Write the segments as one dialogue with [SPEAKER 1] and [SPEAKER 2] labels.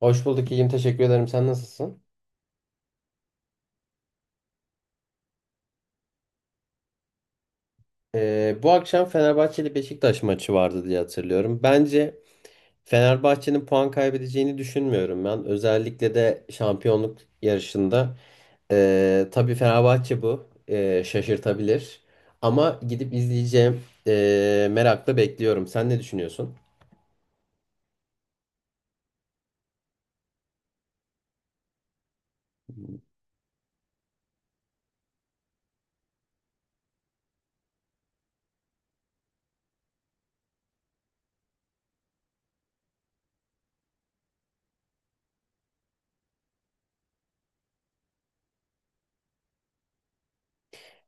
[SPEAKER 1] Hoş bulduk. İyiyim, teşekkür ederim. Sen nasılsın? Bu akşam Fenerbahçe ile Beşiktaş maçı vardı diye hatırlıyorum. Bence Fenerbahçe'nin puan kaybedeceğini düşünmüyorum ben. Özellikle de şampiyonluk yarışında. Tabii Fenerbahçe bu. Şaşırtabilir. Ama gidip izleyeceğim. Merakla bekliyorum. Sen ne düşünüyorsun?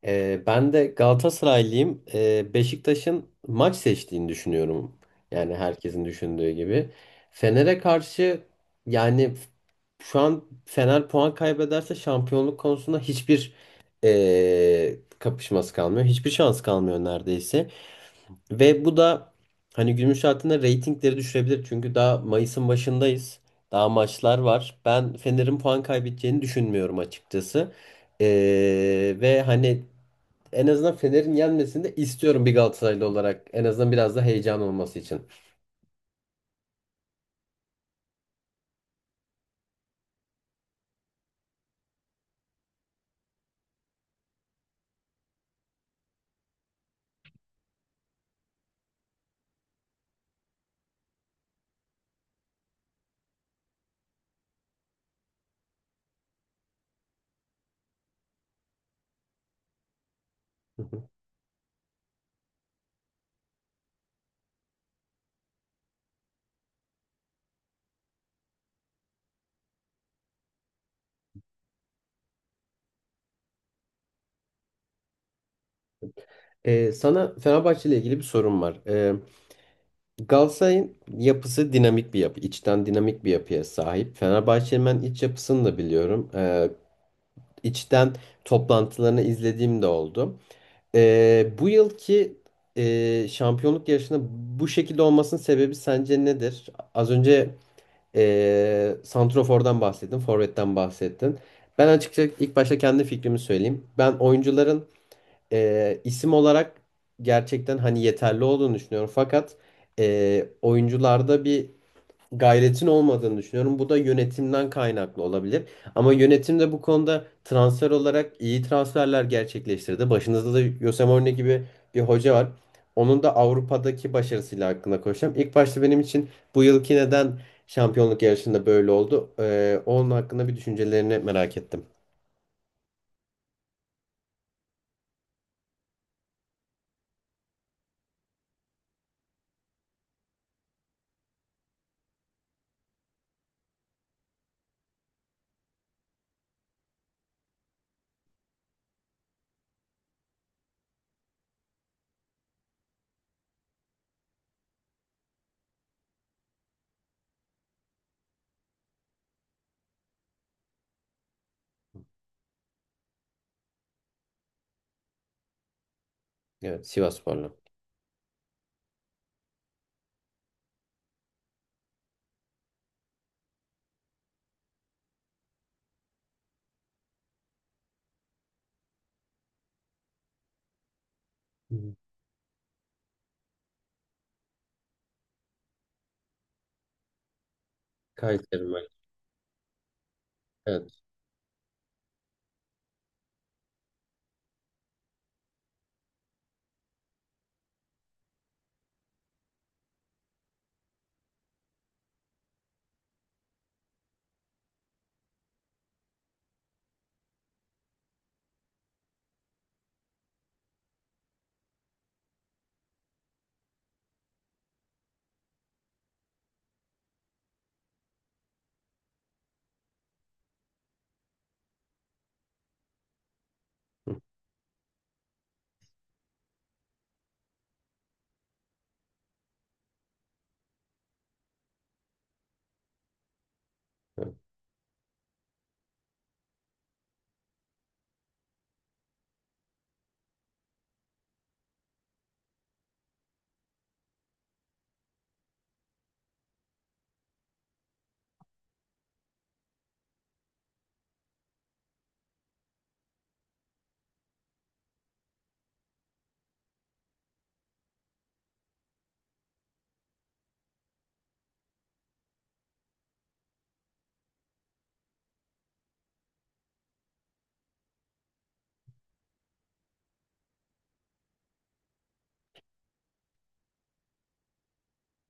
[SPEAKER 1] Ben de Galatasaraylıyım. Beşiktaş'ın maç seçtiğini düşünüyorum. Yani herkesin düşündüğü gibi. Fener'e karşı yani şu an Fener puan kaybederse şampiyonluk konusunda hiçbir kapışması kalmıyor. Hiçbir şans kalmıyor neredeyse. Ve bu da hani günün şartında reytingleri düşürebilir. Çünkü daha Mayıs'ın başındayız. Daha maçlar var. Ben Fener'in puan kaybedeceğini düşünmüyorum açıkçası. Ve hani en azından Fener'in yenmesini de istiyorum bir Galatasaraylı olarak. En azından biraz da heyecan olması için. Hı hı. Sana Fenerbahçe ile ilgili bir sorum var. Galatasaray'ın yapısı dinamik bir yapı, içten dinamik bir yapıya sahip. Fenerbahçe'nin ben iç yapısını da biliyorum. İçten toplantılarını izlediğim de oldu. Bu yılki şampiyonluk yarışında bu şekilde olmasının sebebi sence nedir? Az önce Santrofor'dan bahsettin, Forvet'ten bahsettin. Ben açıkçası ilk başta kendi fikrimi söyleyeyim. Ben oyuncuların isim olarak gerçekten hani yeterli olduğunu düşünüyorum. Fakat oyuncularda bir gayretin olmadığını düşünüyorum. Bu da yönetimden kaynaklı olabilir. Ama yönetim de bu konuda transfer olarak iyi transferler gerçekleştirdi. Başınızda da Jose Mourinho gibi bir hoca var. Onun da Avrupa'daki başarısıyla hakkında konuşacağım. İlk başta benim için bu yılki neden şampiyonluk yarışında böyle oldu? Onun hakkında bir düşüncelerini merak ettim. Evet, Sivasspor'la. Hı hı. Kayseri maçı. Evet. Hı.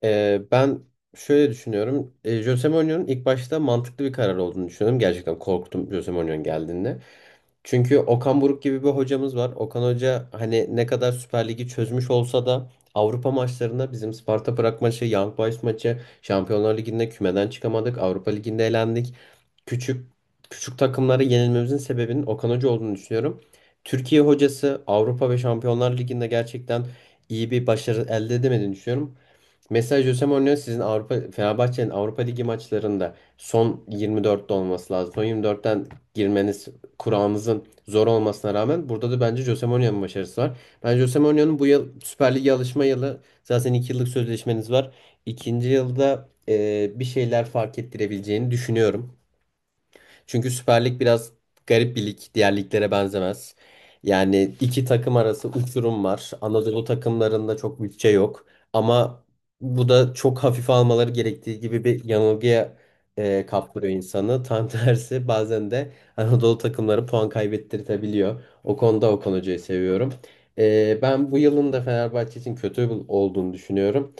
[SPEAKER 1] Ben şöyle düşünüyorum. Jose Mourinho'nun ilk başta mantıklı bir karar olduğunu düşünüyorum. Gerçekten korktum Jose Mourinho'nun geldiğinde. Çünkü Okan Buruk gibi bir hocamız var. Okan Hoca hani ne kadar Süper Lig'i çözmüş olsa da Avrupa maçlarında bizim Sparta Prag maçı, Young Boys maçı, Şampiyonlar Ligi'nde kümeden çıkamadık. Avrupa Ligi'nde elendik. Küçük küçük takımlara yenilmemizin sebebinin Okan Hoca olduğunu düşünüyorum. Türkiye hocası Avrupa ve Şampiyonlar Ligi'nde gerçekten iyi bir başarı elde edemediğini düşünüyorum. Mesela Jose Mourinho sizin Avrupa Fenerbahçe'nin Avrupa Ligi maçlarında son 24'te olması lazım. Son 24'ten girmeniz kurağınızın zor olmasına rağmen burada da bence Jose Mourinho'nun başarısı var. Bence Jose Mourinho'nun bu yıl Süper Lig'e alışma yılı, zaten 2 yıllık sözleşmeniz var. İkinci yılda bir şeyler fark ettirebileceğini düşünüyorum. Çünkü Süper Lig biraz garip bir lig. Diğer liglere benzemez. Yani iki takım arası uçurum var. Anadolu takımlarında çok bütçe yok. Ama bu da çok hafife almaları gerektiği gibi bir yanılgıya kaptırıyor insanı. Tam tersi bazen de Anadolu takımları puan kaybettirtebiliyor. O konuda Okan Hoca'yı seviyorum. Ben bu yılın da Fenerbahçe için kötü olduğunu düşünüyorum.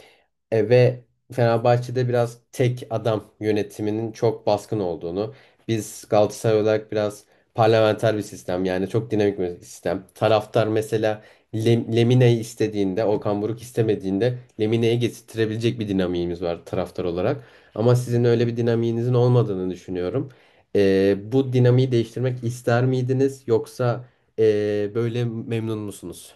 [SPEAKER 1] Ve Fenerbahçe'de biraz tek adam yönetiminin çok baskın olduğunu, biz Galatasaray olarak biraz parlamenter bir sistem, yani çok dinamik bir sistem. Taraftar mesela Lemine'yi istediğinde, Okan Buruk istemediğinde Lemine'yi getirtirebilecek bir dinamiğimiz var taraftar olarak. Ama sizin öyle bir dinamiğinizin olmadığını düşünüyorum. Bu dinamiği değiştirmek ister miydiniz, yoksa böyle memnun musunuz?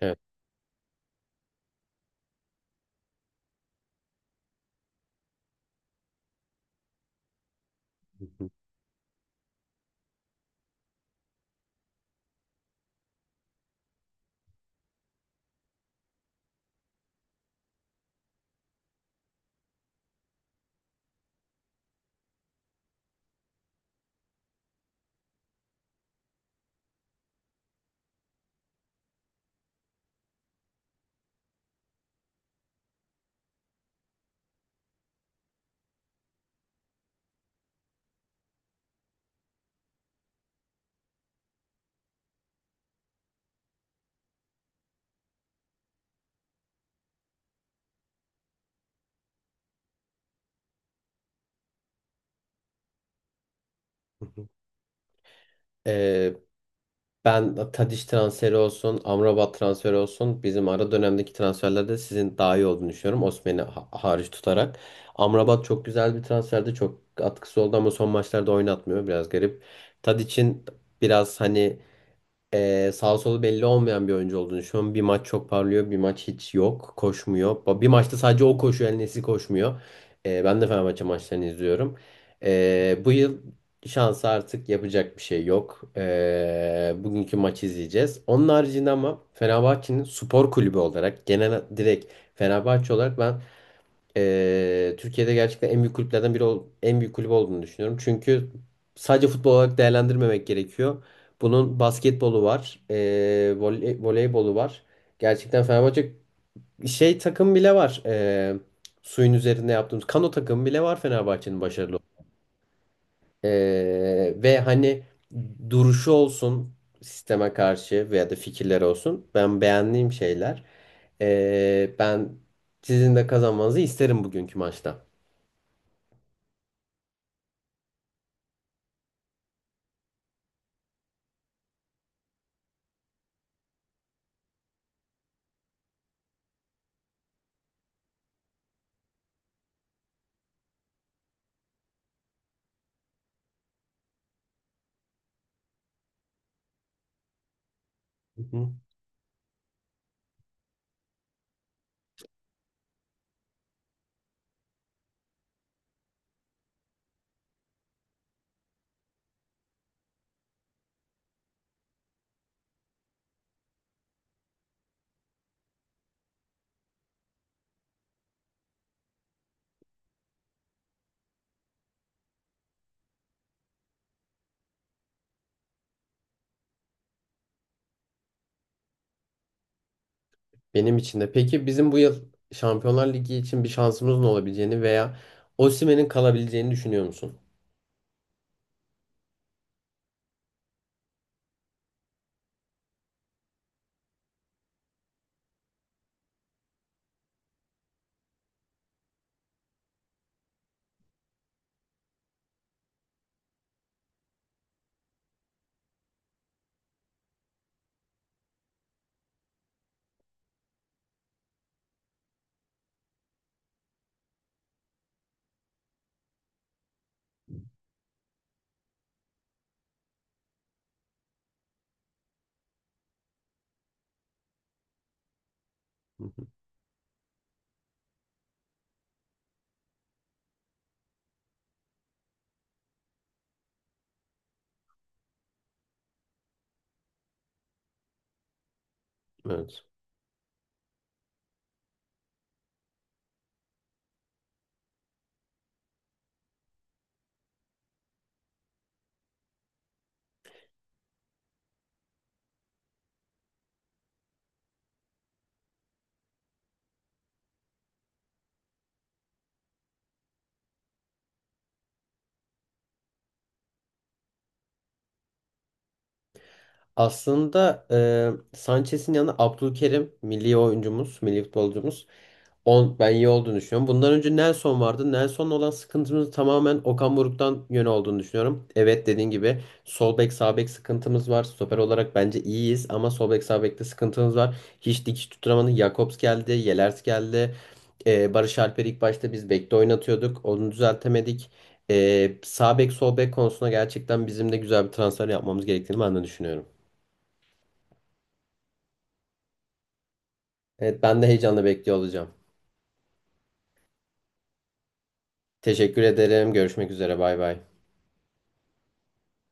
[SPEAKER 1] Evet. Ee, Ben Tadiş transferi olsun, Amrabat transferi olsun bizim ara dönemdeki transferlerde sizin daha iyi olduğunu düşünüyorum. Hariç tutarak. Amrabat çok güzel bir transferdi. Çok katkısı oldu ama son maçlarda oynatmıyor. Biraz garip. Tadiç'in biraz hani sağ solu belli olmayan bir oyuncu olduğunu düşünüyorum. Bir maç çok parlıyor, bir maç hiç yok, koşmuyor. Bir maçta sadece o koşuyor, El Nesri koşmuyor. Ben de Fenerbahçe maçlarını izliyorum. Bu yıl şansı artık yapacak bir şey yok. Bugünkü maçı izleyeceğiz. Onun haricinde ama Fenerbahçe'nin spor kulübü olarak, genel direkt Fenerbahçe olarak ben Türkiye'de gerçekten en büyük kulüplerden en büyük kulüp olduğunu düşünüyorum. Çünkü sadece futbol olarak değerlendirmemek gerekiyor. Bunun basketbolu var, voleybolu var. Gerçekten Fenerbahçe şey takım bile var. Suyun üzerinde yaptığımız kano takım bile var, Fenerbahçe'nin başarılı. Ve hani duruşu olsun sisteme karşı veya da fikirleri olsun, ben beğendiğim şeyler. Ben sizin de kazanmanızı isterim bugünkü maçta. Hı hı. Benim için de. Peki bizim bu yıl Şampiyonlar Ligi için bir şansımızın olabileceğini veya Osimhen'in kalabileceğini düşünüyor musun? Hı hı. Evet. Aslında Sanchez'in yanına Abdülkerim milli oyuncumuz, milli futbolcumuz. On, ben iyi olduğunu düşünüyorum. Bundan önce Nelson vardı. Nelson'la olan sıkıntımız tamamen Okan Buruk'tan yön olduğunu düşünüyorum. Evet, dediğin gibi sol bek sağ bek sıkıntımız var. Stoper olarak bence iyiyiz ama sol bek sağ bekte sıkıntımız var. Hiç dikiş tutturamadı. Jakobs geldi, Yelers geldi. Barış Alper'i ilk başta biz bekte oynatıyorduk. Onu düzeltemedik. Sağ bek sol bek konusunda gerçekten bizim de güzel bir transfer yapmamız gerektiğini ben de düşünüyorum. Evet, ben de heyecanla bekliyor olacağım. Teşekkür ederim. Görüşmek üzere. Bay bay.